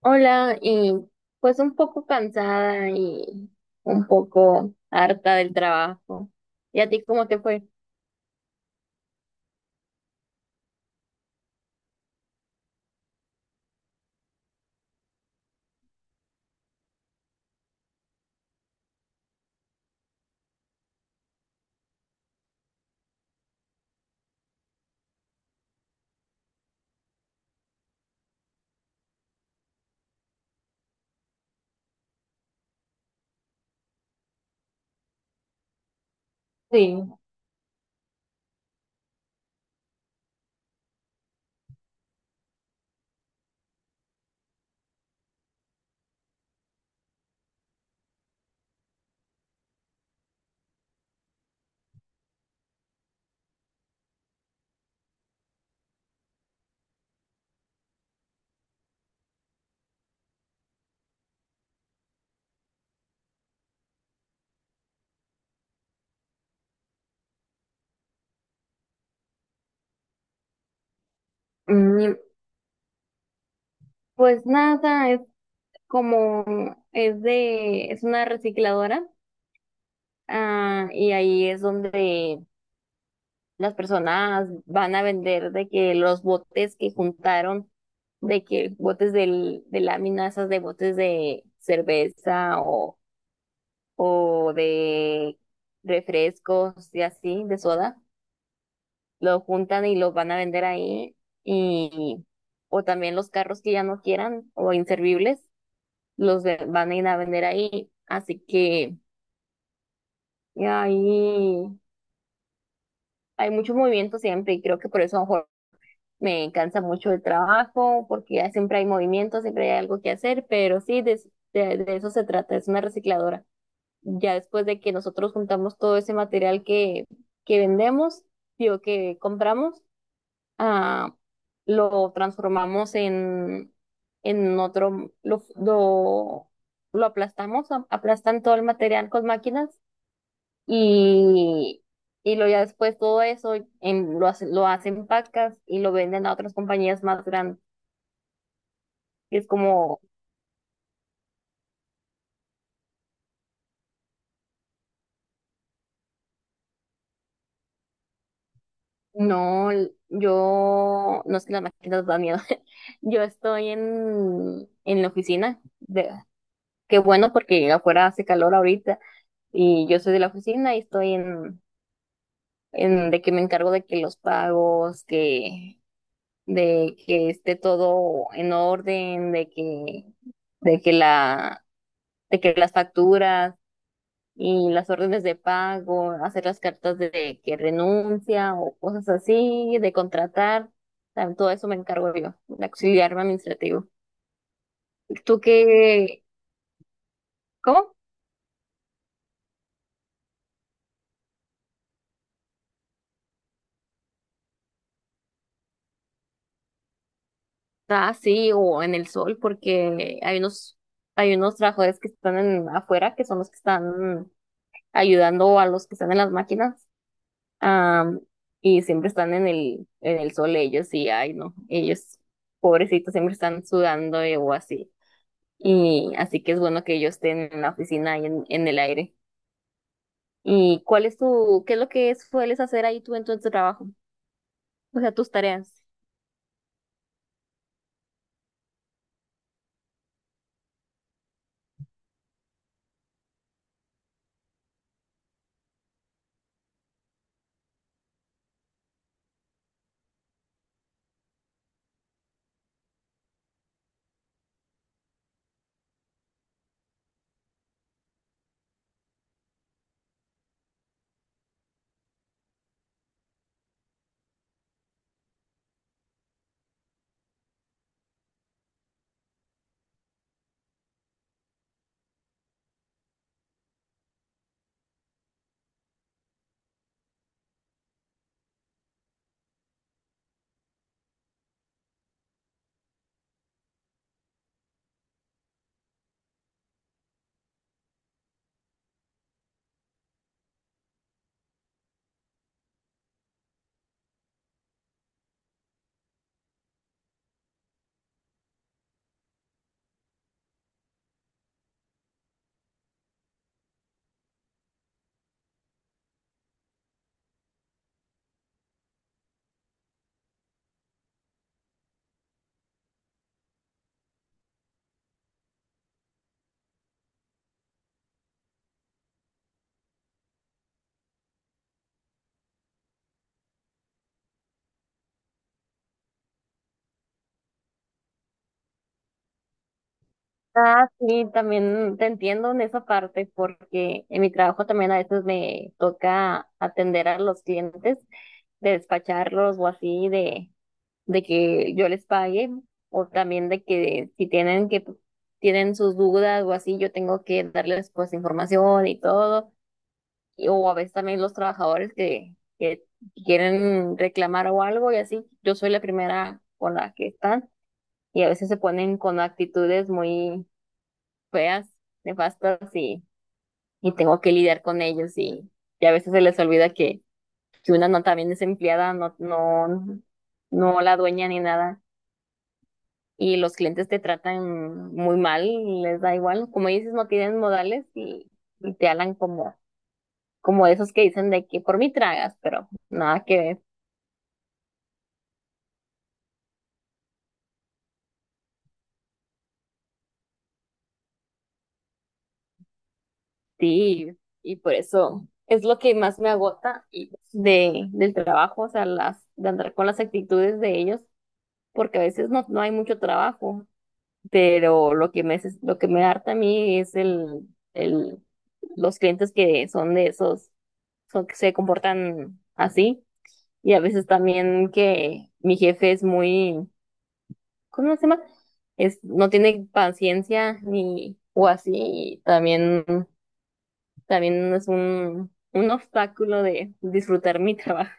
Hola, y pues un poco cansada y un poco harta del trabajo. ¿Y a ti cómo te fue? Sí. Mm, Pues nada, es como es de es una recicladora, ah, y ahí es donde las personas van a vender de que los botes que juntaron, de que botes de láminas, esas de botes de cerveza o de refrescos y así, de soda, lo juntan y los van a vender ahí y o también los carros que ya no quieran o inservibles los van a ir a vender ahí, así que y ahí hay mucho movimiento siempre y creo que por eso a lo mejor me cansa mucho el trabajo porque ya siempre hay movimiento, siempre hay algo que hacer, pero sí de eso se trata, es una recicladora. Ya después de que nosotros juntamos todo ese material que vendemos, digo, que compramos, ah, lo transformamos en otro, lo aplastamos, aplastan todo el material con máquinas y, y lo ya después todo eso lo hacen pacas y lo venden a otras compañías más grandes. Es como no, yo no, es que las máquinas dan miedo. Yo estoy en la oficina. Qué bueno porque afuera hace calor ahorita y yo soy de la oficina y estoy en de que me encargo de que los pagos, que esté todo en orden, de que la de que las facturas y las órdenes de pago, hacer las cartas de que renuncia o cosas así, de contratar, todo eso me encargo yo, de auxiliarme administrativo. ¿Tú qué? ¿Cómo? Ah, sí, o en el sol, porque hay unos trabajadores que están afuera, que son los que están ayudando a los que están en las máquinas, am, y siempre están en el sol ellos, y ay, no, ellos, pobrecitos, siempre están sudando o así. Y así que es bueno que ellos estén en la oficina y en el aire. ¿Y cuál es tu, qué es lo que sueles hacer ahí tú en tu trabajo? O sea, tus tareas. Ah, sí, también te entiendo en esa parte porque en mi trabajo también a veces me toca atender a los clientes, de despacharlos o así, de que yo les pague o también de que si tienen que tienen sus dudas o así, yo tengo que darles pues información y todo y- o a veces también los trabajadores que quieren reclamar o algo y así. Yo soy la primera con la que están y a veces se ponen con actitudes muy feas, nefastas y tengo que lidiar con ellos y a veces se les olvida que una no también es empleada, no la dueña ni nada. Y los clientes te tratan muy mal, les da igual. Como dices, no tienen modales y te hablan como, como esos que dicen de que por mí tragas, pero nada que ver. Sí, y por eso es lo que más me agota del trabajo, o sea, las, de andar con las actitudes de ellos, porque a veces no hay mucho trabajo, pero lo que lo que me harta a mí es el, los clientes que son de esos, son que se comportan así, y a veces también que mi jefe es muy, ¿cómo se llama? Es, no tiene paciencia ni, o así, y también es un obstáculo de disfrutar mi trabajo.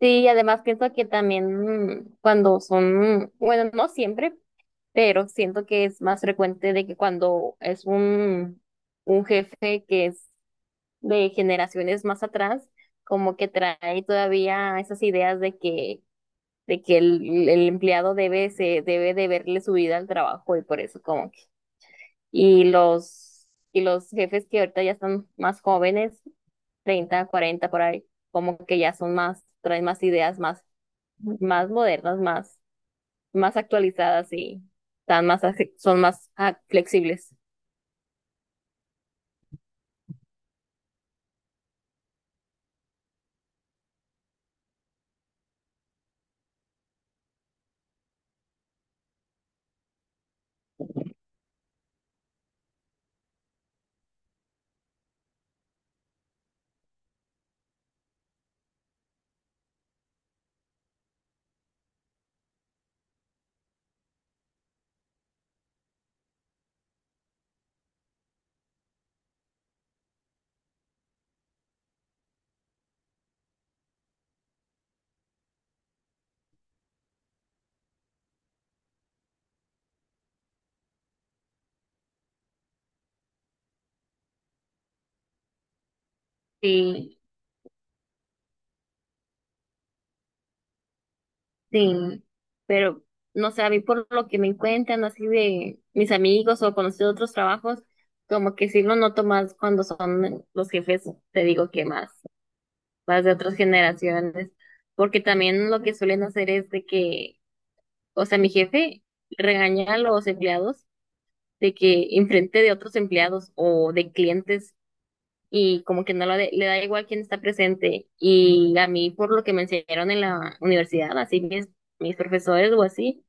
Sí, y además pienso que también cuando son, bueno, no siempre, pero siento que es más frecuente de que cuando es un jefe que es de generaciones más atrás, como que trae todavía esas ideas de que, el empleado debe, se, debe de verle su vida al trabajo y por eso como que, y los jefes que ahorita ya están más jóvenes 30, 40 por ahí, como que ya son más, traen más ideas más, más modernas, más, más actualizadas y están más, son más flexibles. Sí, sí, pero no sé, a mí por lo que me encuentran así de mis amigos o conocidos de otros trabajos, como que sí lo noto más cuando son los jefes, te digo que más, más de otras generaciones, porque también lo que suelen hacer es de que, o sea, mi jefe regaña a los empleados de que enfrente de otros empleados o de clientes y como que no le da igual quién está presente. Y a mí, por lo que me enseñaron en la universidad, así mis profesores o así,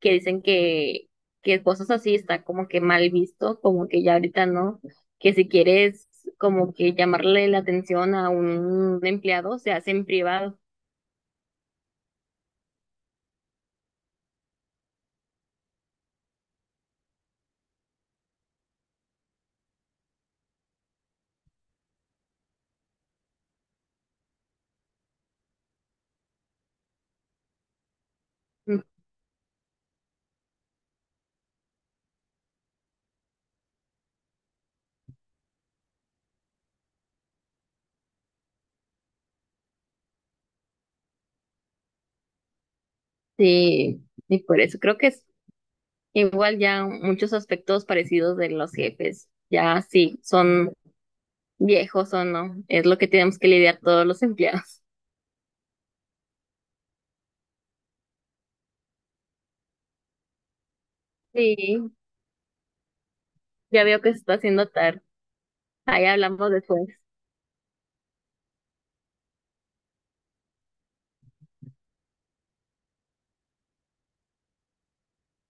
que dicen que cosas así está como que mal visto, como que ya ahorita no, que si quieres como que llamarle la atención a un empleado, se hace en privado. Sí, y por eso creo que es igual ya muchos aspectos parecidos de los jefes, ya sí, son viejos o no, es lo que tenemos que lidiar todos los empleados. Sí, ya veo que se está haciendo tarde. Ahí hablamos después.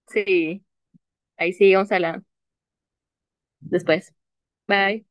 Sí, ahí seguimos hablando después. Bye.